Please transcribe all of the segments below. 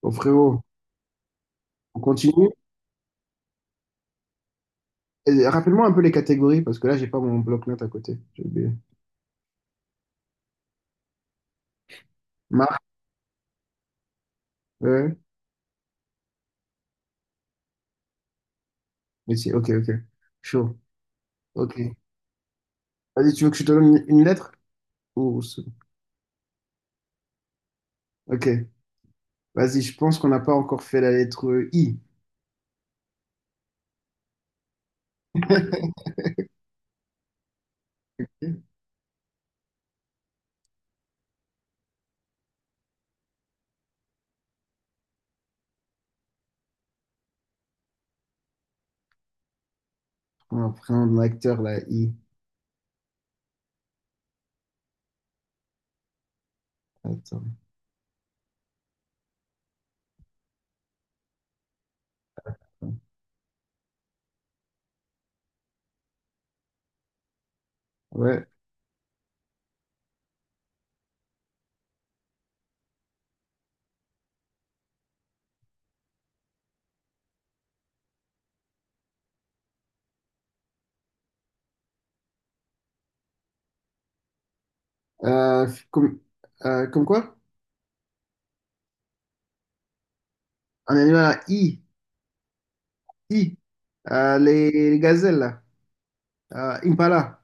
Bon, frérot, on continue. Et rappelle-moi un peu les catégories, parce que là, j'ai pas mon bloc-notes à côté. J'ai oublié. Marque, ouais. Métier. Ok, ok. Chaud. Ok. Vas-y, tu veux que je te donne une lettre? Ou... ce- Ok. Vas-y, je pense qu'on n'a pas encore fait la lettre I. On va prendre l'acteur, la I. Attends. Ouais. Comme, comme quoi? Un animal à I. I. Les, gazelles, là. Impala.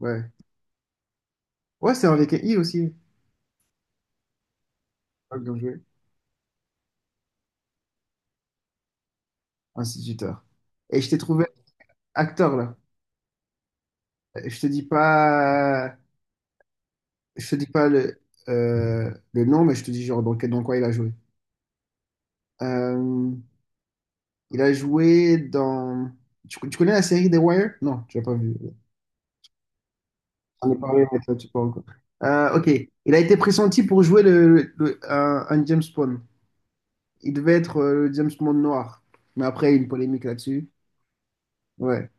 Ouais. Ouais, c'est avec un I aussi. Ah, bien joué. Instituteur. Et je t'ai trouvé acteur là. Je te dis pas, je te dis pas, le nom, mais je te dis genre dans, quel- dans quoi il a joué. Euh, il a joué dans. Tu, connais la série The Wire? Non, tu l'as pas vu. On en a parlé, mais toi, tu parles encore. Ok. Il a été pressenti pour jouer le- un, James Bond. Il devait être le James Bond noir. Mais après, il y a eu une polémique là-dessus. Ouais.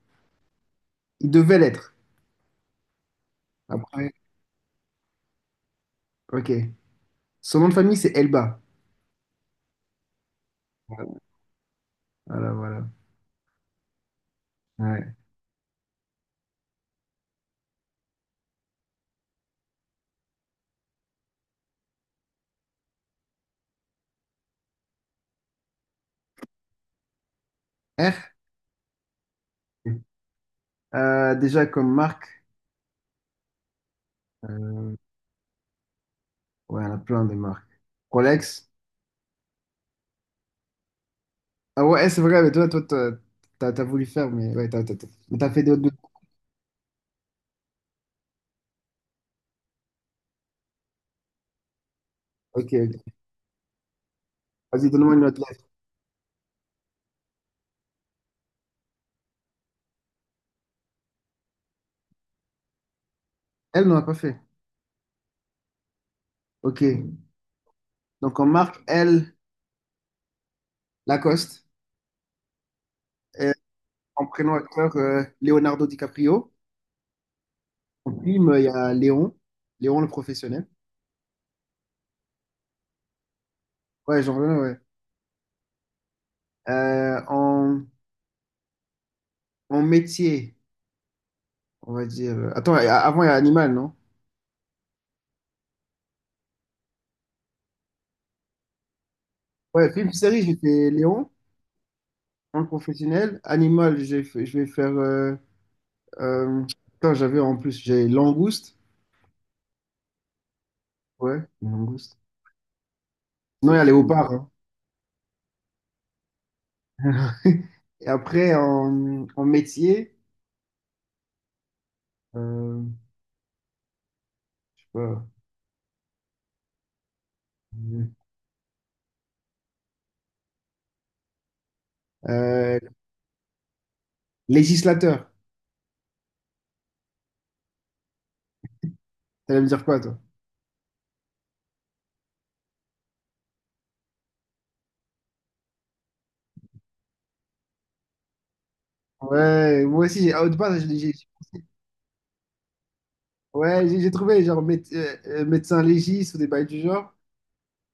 Il devait l'être. Après, ok. Son nom de famille, c'est Elba. Voilà, voilà. Ouais. R. Déjà comme marque, euh, ouais, on a plein de marques. Rolex. Ah ouais, c'est vrai, mais toi, t'as, t'as voulu faire, mais ouais, t'as, mais t'as fait d'autres. D'autres- Ok, ok. Vas-y, donne-moi une autre lettre. Elle, n'en a pas fait. Ok. Donc en marque, elle, Lacoste. Et en prénom acteur, Leonardo DiCaprio. En film, il y a Léon. Léon le professionnel. Ouais, genre, ouais. Ouais. En, métier, on va dire. Attends, avant, il y a Animal, non? Ouais, film, série, j'ai fait Léon. En professionnel, animal, je vais faire. Euh, putain, j'avais en plus, j'ai langouste. Ouais, une langouste. Non, il y a léopard. Hein. Et après, en, métier, euh, je sais pas. Euh, Législateur. T'allais me dire quoi, toi? Ouais, moi aussi, j'ai. Ah, au départ, ouais, j'ai trouvé genre mé- médecin légiste ou des bails du genre.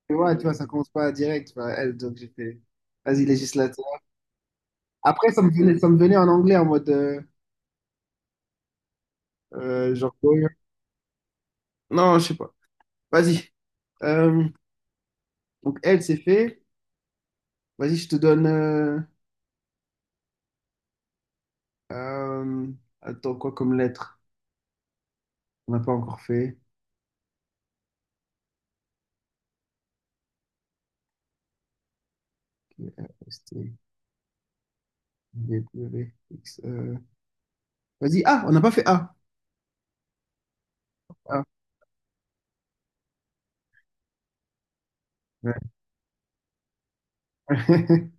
Et ouais, tu vois, ça commence pas direct. Tu vois, elle, donc j'ai fait. Vas-y, législateur. Après, ça me venait, en anglais en mode. Euh, euh, genre, non, je sais pas. Vas-y. Euh, donc, elle, c'est fait. Vas-y, je te donne. Euh, attends, quoi comme lettre? On n'a pas encore fait. Euh, c'était V, W, X, vas-y, A, on n'a pas fait A. Ah, ouais.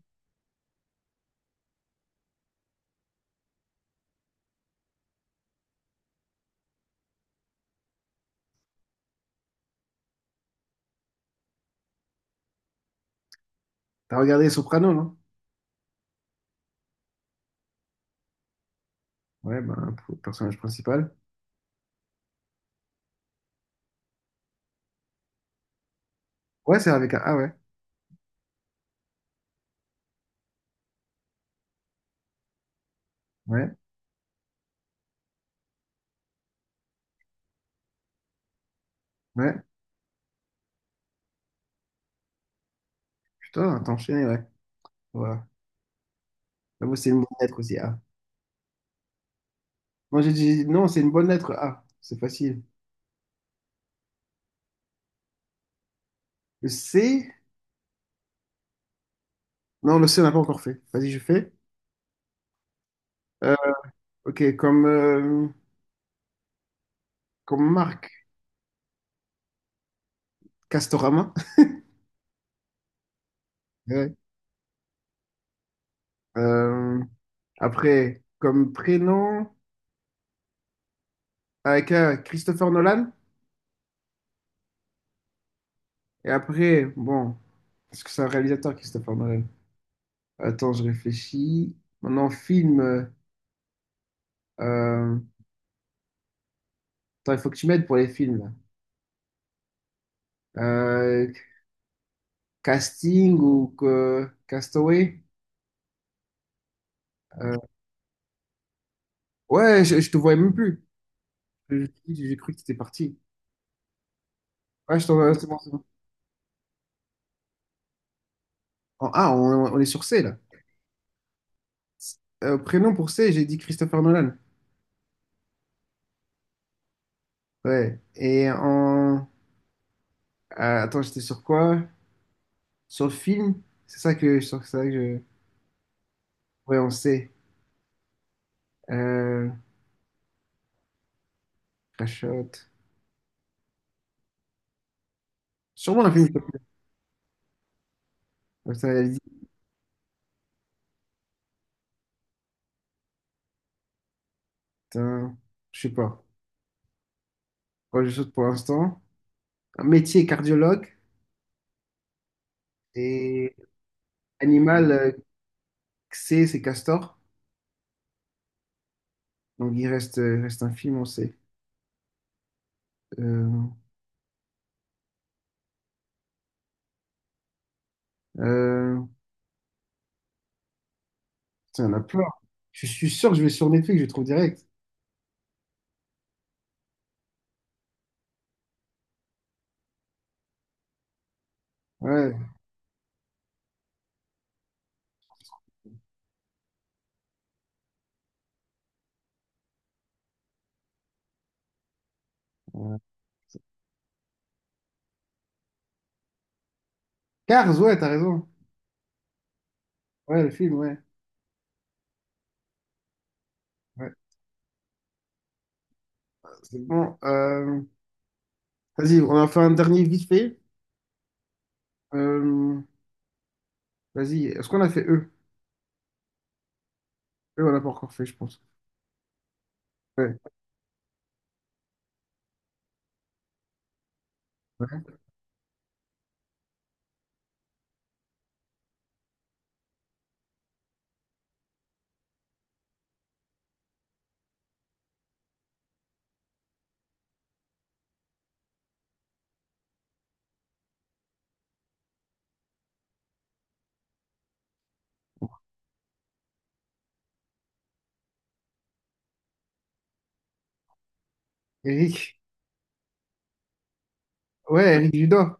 T'as regardé Soprano, non? Ouais, ben, pour le personnage principal. Ouais, c'est avec un A, ouais. Ouais, ouais. Putain, t'as enchaîné, ouais. Voilà. J'avoue, c'est une bonne lettre aussi, A. Non, j'ai dit, non, c'est une bonne lettre, A. C'est facile. Le C. Non, le C, n'a pas encore fait. Vas-y, je fais. Euh, ok, comme, comme marque, Castorama. Ouais. Euh, Après, comme prénom, avec Christopher Nolan. Et après, bon, est-ce que c'est un réalisateur, Christopher Nolan? Attends, je réfléchis. Maintenant, film. Euh, attends, il faut que tu m'aides pour les films. Là. Euh, Casting ou que- Castaway? Euh, ouais, je, te voyais même plus. J'ai cru que tu étais parti. Ouais, je t'en- c'est bon, c'est bon. En- ah, on, est sur C là. Prénom pour C, j'ai dit Christopher Nolan. Ouais. Et en. Ah, attends, j'étais sur quoi? Sur le film? C'est ça que, sur ça que je. Ouais, on sait. Euh, Crashot. Sûrement un film. Comme ça, elle dit. Putain, je sais pas. Ouais, je saute pour l'instant. Un Métier cardiologue et animal C, c'est castor. Donc il reste un film, on sait. Euh, euh, putain, il y en a plein. Je suis sûr que je vais sur Netflix, je le trouve direct. Ouais. Euh, Cars, ouais, t'as raison. Ouais, le film, ouais. Ouais, c'est bon. Vas-y, on a fait un dernier vite fait. Euh, vas-y, est-ce qu'on a fait eux? Eux, on l'a pas encore fait, je pense. Ouais. Ouais. Eric. Ouais, Eric Judor.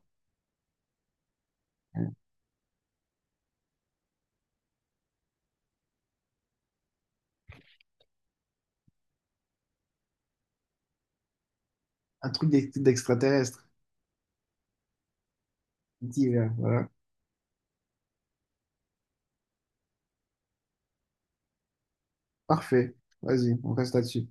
Un truc d'extraterrestre. Divers, voilà. Parfait. Vas-y, on reste là-dessus.